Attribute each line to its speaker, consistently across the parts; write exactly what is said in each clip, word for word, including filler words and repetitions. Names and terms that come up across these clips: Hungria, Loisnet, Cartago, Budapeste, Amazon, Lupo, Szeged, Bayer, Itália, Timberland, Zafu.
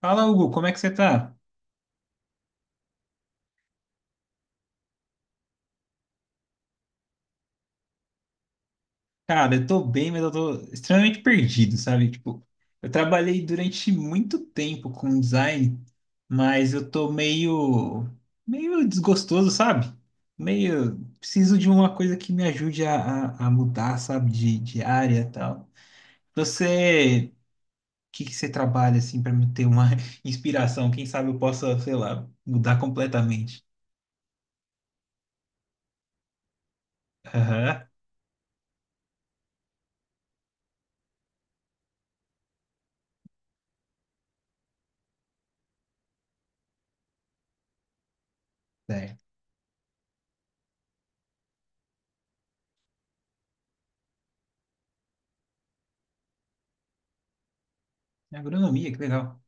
Speaker 1: Fala, Hugo, como é que você tá? Cara, eu tô bem, mas eu tô extremamente perdido, sabe? Tipo, eu trabalhei durante muito tempo com design, mas eu tô meio, meio desgostoso, sabe? Meio, preciso de uma coisa que me ajude a, a, a mudar, sabe? De, de área e tal. Você, o que que você trabalha, assim, pra me ter uma inspiração? Quem sabe eu possa, sei lá, mudar completamente. Aham, certo. Agronomia, que legal.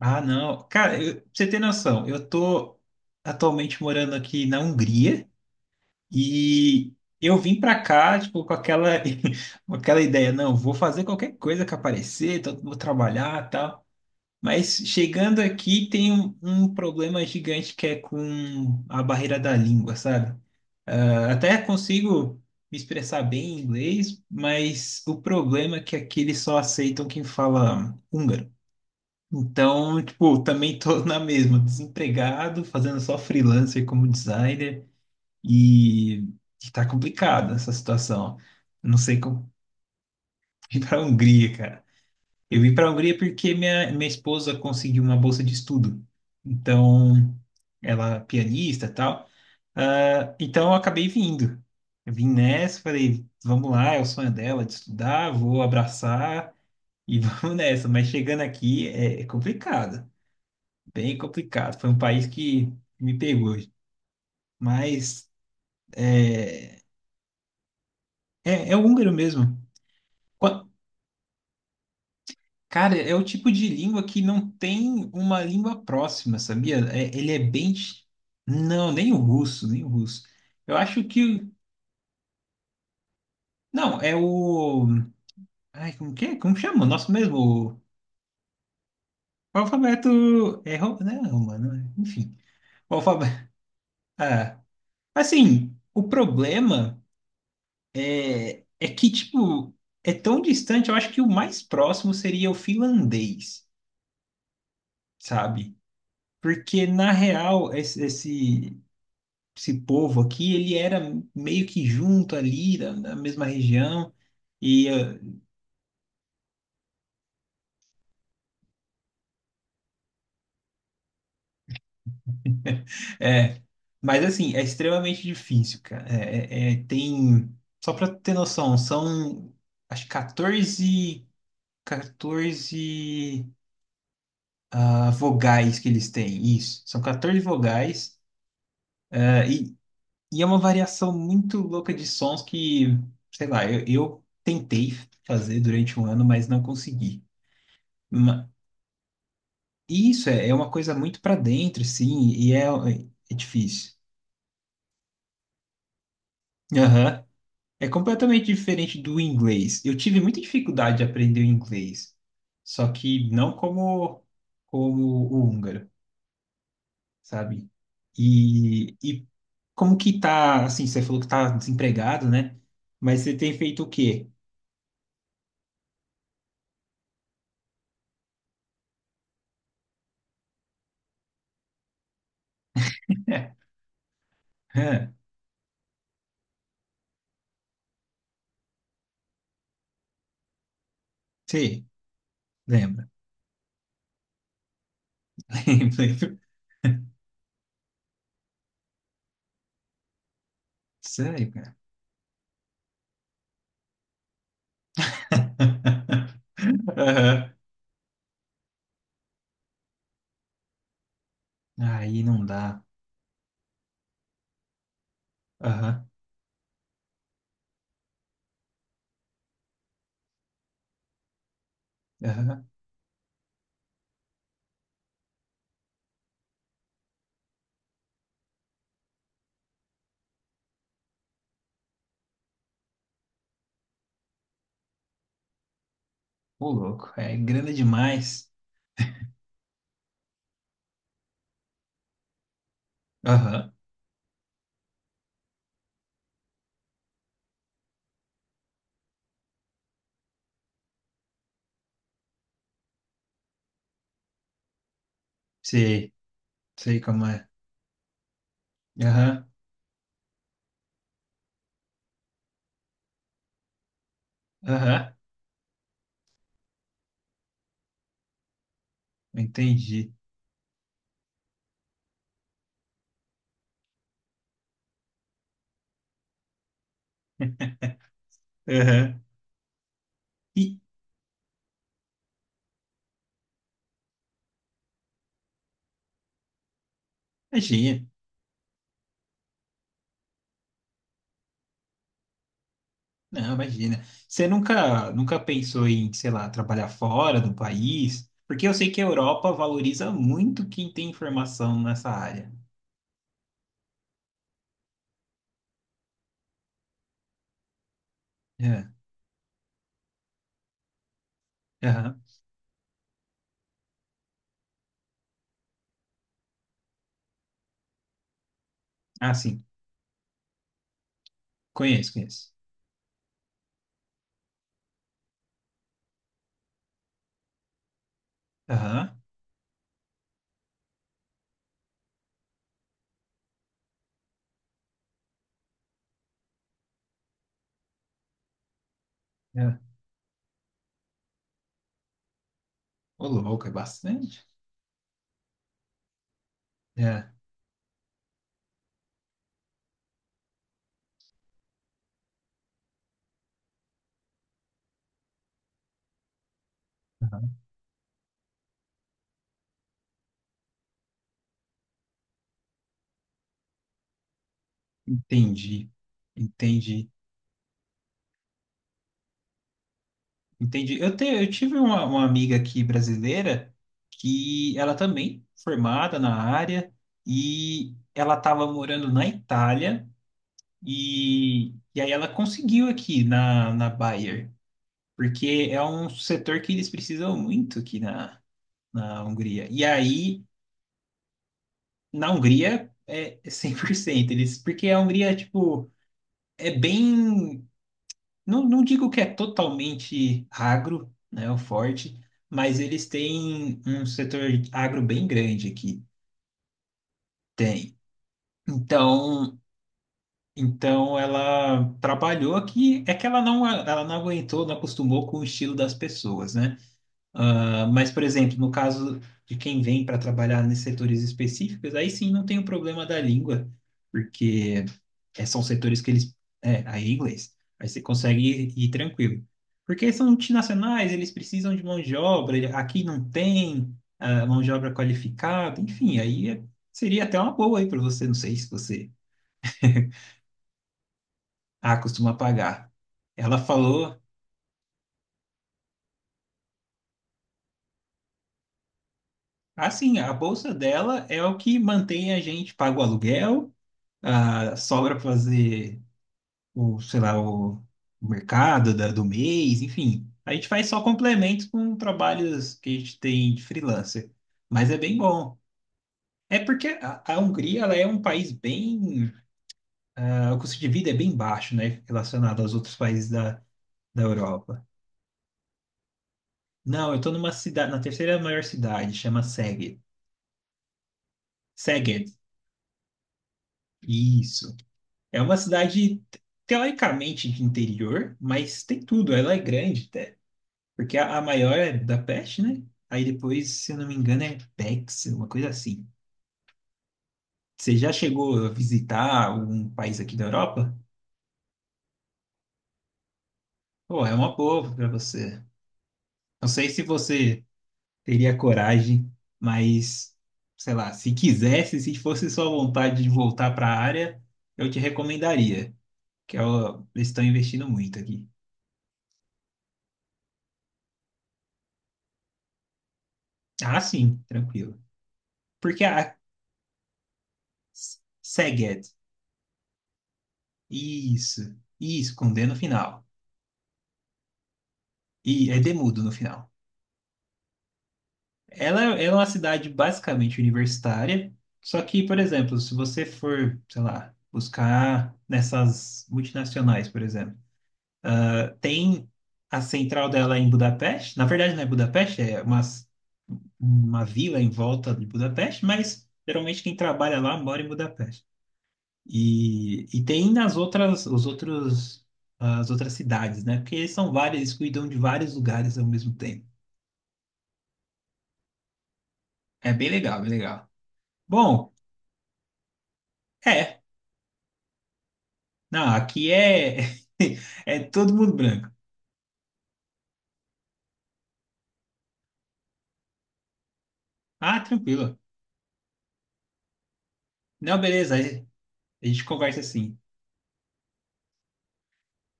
Speaker 1: Ah, não. Cara, eu- pra você ter noção, eu tô atualmente morando aqui na Hungria e eu vim pra cá, tipo, com aquela, com aquela ideia, não, vou fazer qualquer coisa que aparecer, então vou trabalhar e tal. Mas chegando aqui tem um, um problema gigante que é com a barreira da língua, sabe? Ah, até consigo me expressar bem em inglês, mas o problema é que aqui eles só aceitam quem fala húngaro. Então, tipo, também tô na mesma, desempregado, fazendo só freelancer como designer e e tá complicada essa situação. Não sei como ir para a Hungria, cara. Eu vim para a Hungria porque minha, minha esposa conseguiu uma bolsa de estudo. Então, ela é pianista e tal. Ah, então, eu acabei vindo. Eu vim nessa, falei, vamos lá, é o sonho dela de estudar, vou abraçar e vamos nessa. Mas chegando aqui é é complicado. Bem complicado. Foi um país que me pegou. Mas é, é é o húngaro mesmo. Qua- Cara, é o tipo de língua que não tem uma língua próxima, sabia? É- ele é bem. chi- Não, nem o russo, nem o russo. Eu acho que. Não, é o. Ai, como que é? Como chama? Nosso mesmo. O o alfabeto. É, ro- né? Romano, né? Enfim. O alfabeto. Ah, assim, o problema. É, é que, tipo, é tão distante, eu acho que o mais próximo seria o finlandês, sabe? Porque, na real, esse, esse, esse povo aqui, ele era meio que junto ali, da, da mesma região, e... eh, é, mas, assim, é extremamente difícil, cara. É, é- é, tem... Só pra ter noção, são, acho que catorze 14 ah, vogais que eles têm, isso. São catorze vogais. E é uma variação muito louca de sons que, sei lá, eu, eu tentei fazer durante um ano, mas não consegui. Ma- e isso é, é uma coisa muito pra dentro, sim, e é, é difícil. Aham. É completamente diferente do inglês. Eu tive muita dificuldade de aprender o inglês, só que não como, como o húngaro, sabe? E, e como que tá, assim, você falou que tá desempregado, né? Mas você tem feito o quê? Sim, lembra. Lembro, lembro. Sério, cara. Aham. Aí não dá. Aham, aham. Ô, louco, é grana demais. Aham, sei, sei como é. Aham, aham. Entendi. Aham. E imagina. Não, imagina. Você nunca, nunca pensou em, sei lá, trabalhar fora do país? Porque eu sei que a Europa valoriza muito quem tem informação nessa área. É, aham. Ah, sim. Conheço, conheço. É. Ô, louco, é bastante. É. Aham. Entendi. Entendi. Entendi. Eu, te, eu tive uma, uma amiga aqui brasileira que ela também formada na área e ela estava morando na Itália e, e aí ela conseguiu aqui na, na Bayer, porque é um setor que eles precisam muito aqui na, na Hungria. E aí, na Hungria, é cem por cento eles, porque a Hungria, tipo, é bem. Não, não digo que é totalmente agro, né, o forte, mas eles têm um setor agro bem grande aqui. Tem. Então, então ela trabalhou aqui, é que ela não, ela não aguentou, não acostumou com o estilo das pessoas, né? Ah, mas, por exemplo, no caso de quem vem para trabalhar nesses setores específicos, aí sim não tem o problema da língua, porque é, são setores que eles. É, aí é inglês. Aí você consegue ir, ir tranquilo. Porque são multinacionais, eles precisam de mão de obra, ele- aqui não tem ah, mão de obra qualificada, enfim, aí é- seria até uma boa aí para você, não sei se você ah, costuma pagar. Ela falou, assim, a bolsa dela é o que mantém a gente, paga o aluguel. Ah, sobra para fazer o, sei lá, o, o mercado da- do mês, enfim. A gente faz só complementos com trabalhos que a gente tem de freelancer. Mas é bem bom. É porque a, a Hungria, ela é um país bem... ah, o custo de vida é bem baixo, né? Relacionado aos outros países da, da Europa. Não, eu tô numa cidade, na terceira maior cidade, chama Szeged. Szeged, isso. É uma cidade teoricamente de interior, mas tem tudo. Ela é grande, porque a, a maior é da Peste, né? Aí depois, se eu não me engano, é Pex, uma coisa assim. Você já chegou a visitar algum país aqui da Europa? Pô, é uma boa para você. Não sei se você teria coragem, mas sei lá, se quisesse, se fosse sua vontade de voltar para a área, eu te recomendaria, que é o- eles estão investindo muito aqui. Ah, sim, tranquilo. Porque a Szeged, isso, isso, com D no final. E é demudo no final. Ela, ela é uma cidade basicamente universitária, só que, por exemplo, se você for, sei lá, buscar nessas multinacionais, por exemplo, tem a central dela em Budapeste. Na verdade, não é Budapeste, é uma, uma vila em volta de Budapeste, mas geralmente quem trabalha lá mora em Budapeste. E, e tem nas outras, os outros, as outras cidades, né? Porque eles são vários, eles cuidam de vários lugares ao mesmo tempo. É bem legal, bem legal. Bom, é. Não, aqui é, é todo mundo branco. Ah, tranquilo. Não, beleza. Aí a gente conversa assim.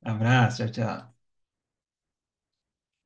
Speaker 1: Abraço, tchau, tchau.